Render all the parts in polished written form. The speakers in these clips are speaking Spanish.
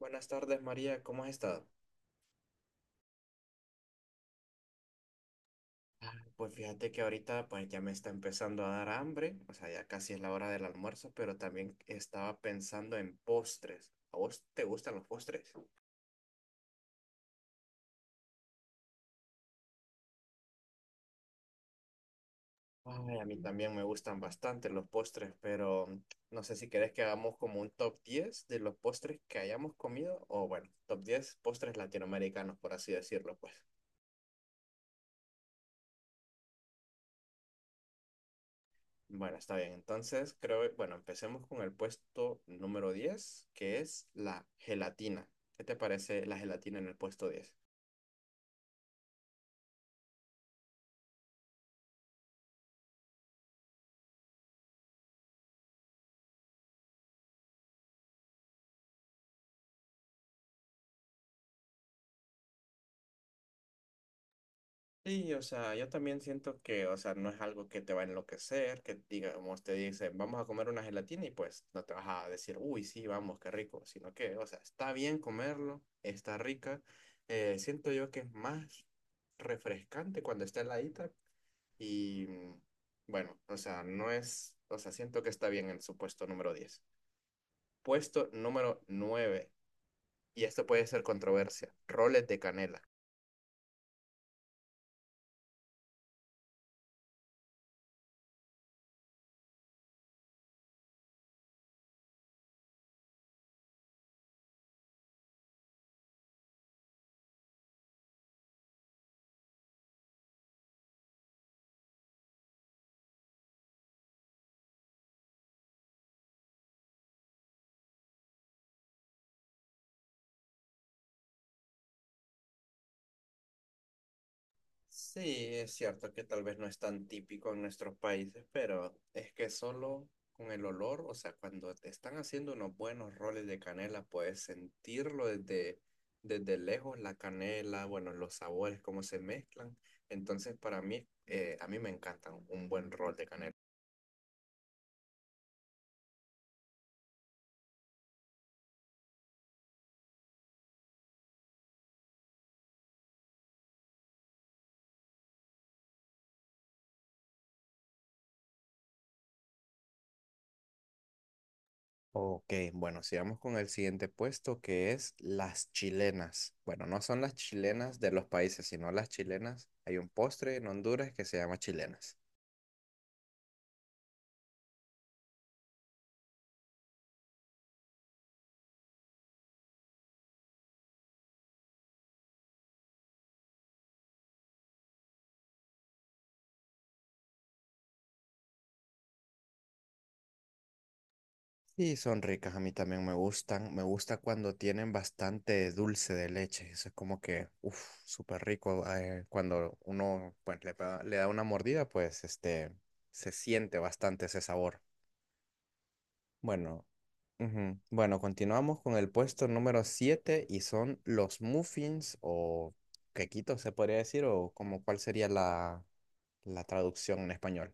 Buenas tardes, María, ¿cómo has estado? Pues fíjate que ahorita pues ya me está empezando a dar hambre, o sea, ya casi es la hora del almuerzo, pero también estaba pensando en postres. ¿A vos te gustan los postres? Ay, a mí también me gustan bastante los postres, pero no sé si querés que hagamos como un top 10 de los postres que hayamos comido, o bueno, top 10 postres latinoamericanos, por así decirlo, pues. Bueno, está bien. Entonces, creo, bueno, empecemos con el puesto número 10 que es la gelatina. ¿Qué te parece la gelatina en el puesto diez? Sí, o sea, yo también siento que, o sea, no es algo que te va a enloquecer, que digamos, te dicen, vamos a comer una gelatina y pues no te vas a decir, uy, sí, vamos, qué rico, sino que, o sea, está bien comerlo, está rica. Siento yo que es más refrescante cuando está heladita, y bueno, o sea, no es, o sea, siento que está bien en su puesto número diez. Puesto número nueve, y esto puede ser controversia, roles de canela. Sí, es cierto que tal vez no es tan típico en nuestros países, pero es que solo con el olor, o sea, cuando te están haciendo unos buenos roles de canela, puedes sentirlo desde, desde lejos, la canela, bueno, los sabores, cómo se mezclan. Entonces, para mí, a mí me encantan un buen rol de canela. Ok, bueno, sigamos con el siguiente puesto que es las chilenas. Bueno, no son las chilenas de los países, sino las chilenas. Hay un postre en Honduras que se llama chilenas. Y son ricas, a mí también me gustan. Me gusta cuando tienen bastante dulce de leche. Eso es como que, uff, súper rico. Cuando uno pues, le da una mordida, pues este, se siente bastante ese sabor. Bueno, ujú. Bueno, continuamos con el puesto número 7 y son los muffins o quequitos, se podría decir, o como cuál sería la, la traducción en español.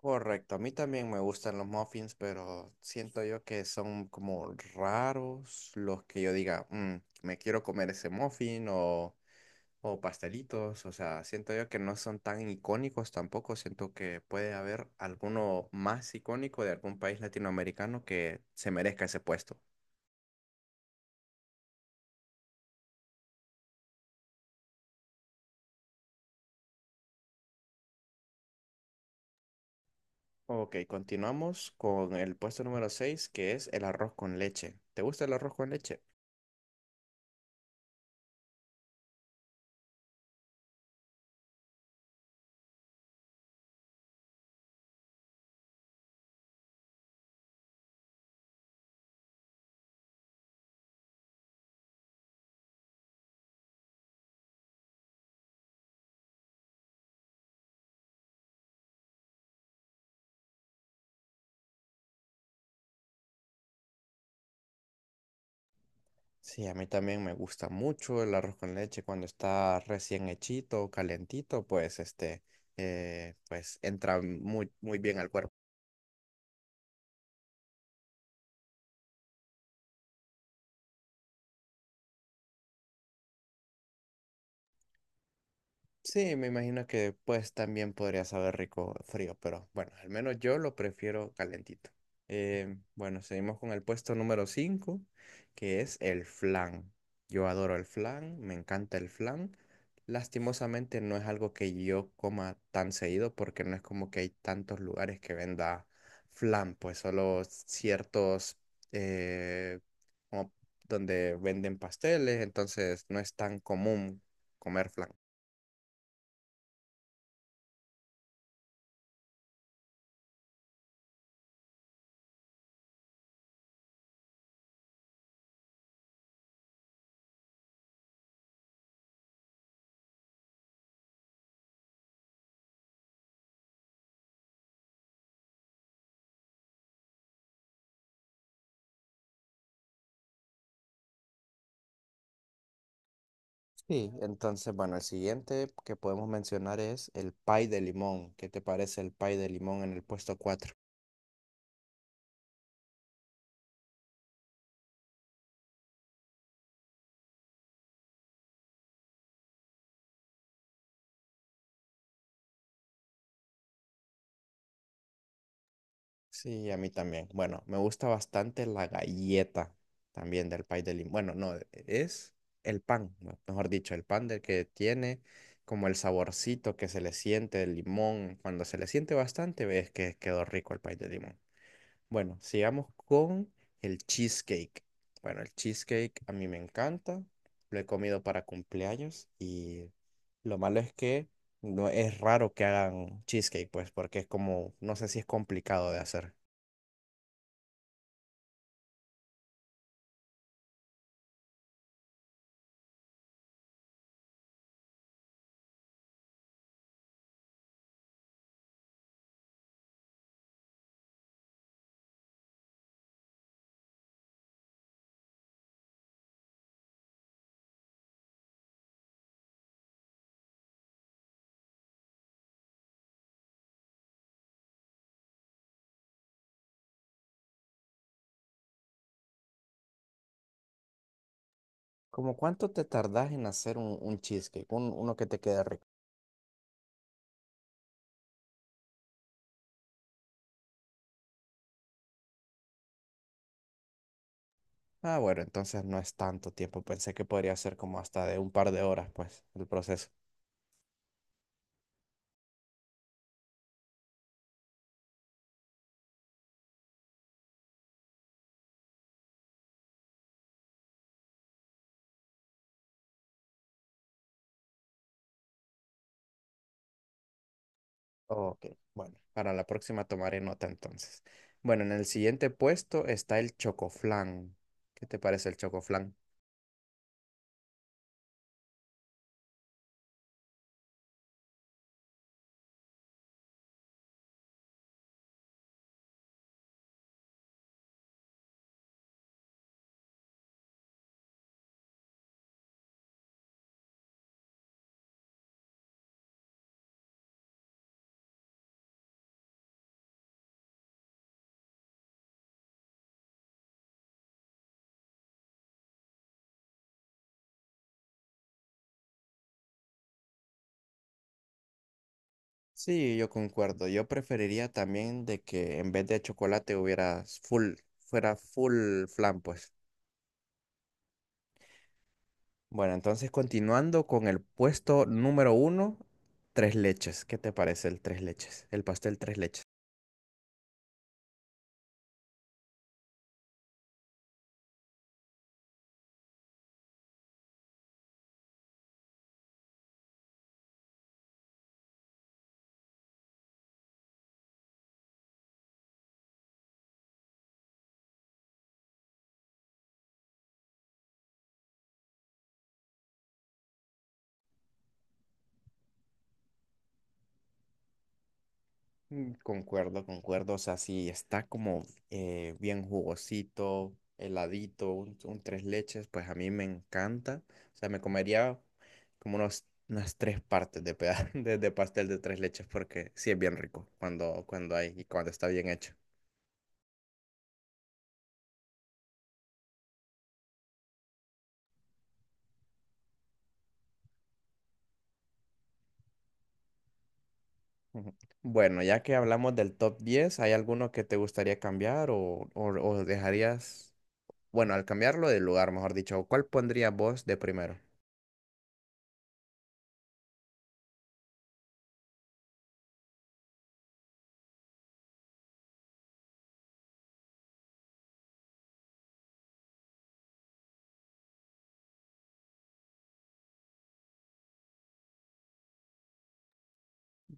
Correcto, a mí también me gustan los muffins, pero siento yo que son como raros los que yo diga, "Mm, me quiero comer ese muffin o pastelitos", o sea, siento yo que no son tan icónicos tampoco, siento que puede haber alguno más icónico de algún país latinoamericano que se merezca ese puesto. Ok, continuamos con el puesto número 6 que es el arroz con leche. ¿Te gusta el arroz con leche? Sí, a mí también me gusta mucho el arroz con leche cuando está recién hechito, calentito, pues este, pues entra muy bien al cuerpo. Sí, me imagino que pues también podría saber rico frío, pero bueno, al menos yo lo prefiero calentito. Bueno, seguimos con el puesto número 5, que es el flan. Yo adoro el flan, me encanta el flan. Lastimosamente no es algo que yo coma tan seguido porque no es como que hay tantos lugares que venda flan, pues solo ciertos eh, como donde venden pasteles, entonces no es tan común comer flan. Sí, entonces, bueno, el siguiente que podemos mencionar es el pie de limón. ¿Qué te parece el pie de limón en el puesto 4? Sí, a mí también. Bueno, me gusta bastante la galleta también del pay de limón. Bueno, no, es el pan, mejor dicho, el pan del que tiene como el saborcito que se le siente el limón. Cuando se le siente bastante, ves que quedó rico el pay de limón. Bueno, sigamos con el cheesecake. Bueno, el cheesecake a mí me encanta. Lo he comido para cumpleaños y lo malo es que no es raro que hagan cheesecake, pues, porque es como, no sé si es complicado de hacer. ¿Cómo cuánto te tardás en hacer un cheesecake? Uno que te quede rico. Ah, bueno, entonces no es tanto tiempo. Pensé que podría ser como hasta de un par de horas, pues, el proceso. Ok, bueno, para la próxima tomaré nota entonces. Bueno, en el siguiente puesto está el chocoflán. ¿Qué te parece el chocoflán? Sí, yo concuerdo. Yo preferiría también de que en vez de chocolate hubiera full, fuera full flan, pues. Bueno, entonces continuando con el puesto número uno, tres leches. ¿Qué te parece el tres leches? El pastel tres leches. Mm, concuerdo, concuerdo. O sea, sí, está como bien jugosito, heladito, un tres leches, pues a mí me encanta. O sea, me comería como unos, unas tres partes de, peda- de pastel de tres leches porque sí es bien rico cuando, cuando hay y cuando está bien hecho. Ujú. Bueno, ya que hablamos del top diez, ¿hay alguno que te gustaría cambiar o dejarías, bueno, al cambiarlo de lugar, mejor dicho, ¿cuál pondrías vos de primero?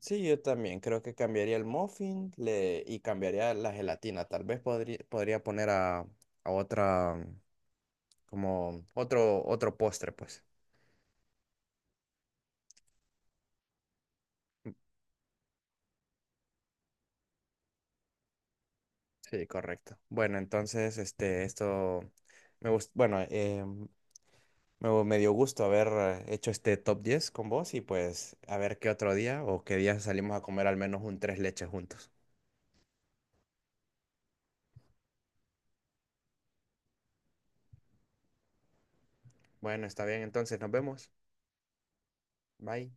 Sí, yo también creo que cambiaría el muffin le, y cambiaría la gelatina. Tal vez podría poner a otra, como otro, otro postre, pues. Sí, correcto. Bueno, entonces, este, esto bueno, me dio gusto haber hecho este top 10 con vos y pues a ver qué otro día o qué día salimos a comer al menos un tres leches juntos. Bueno, está bien, entonces nos vemos. Bye.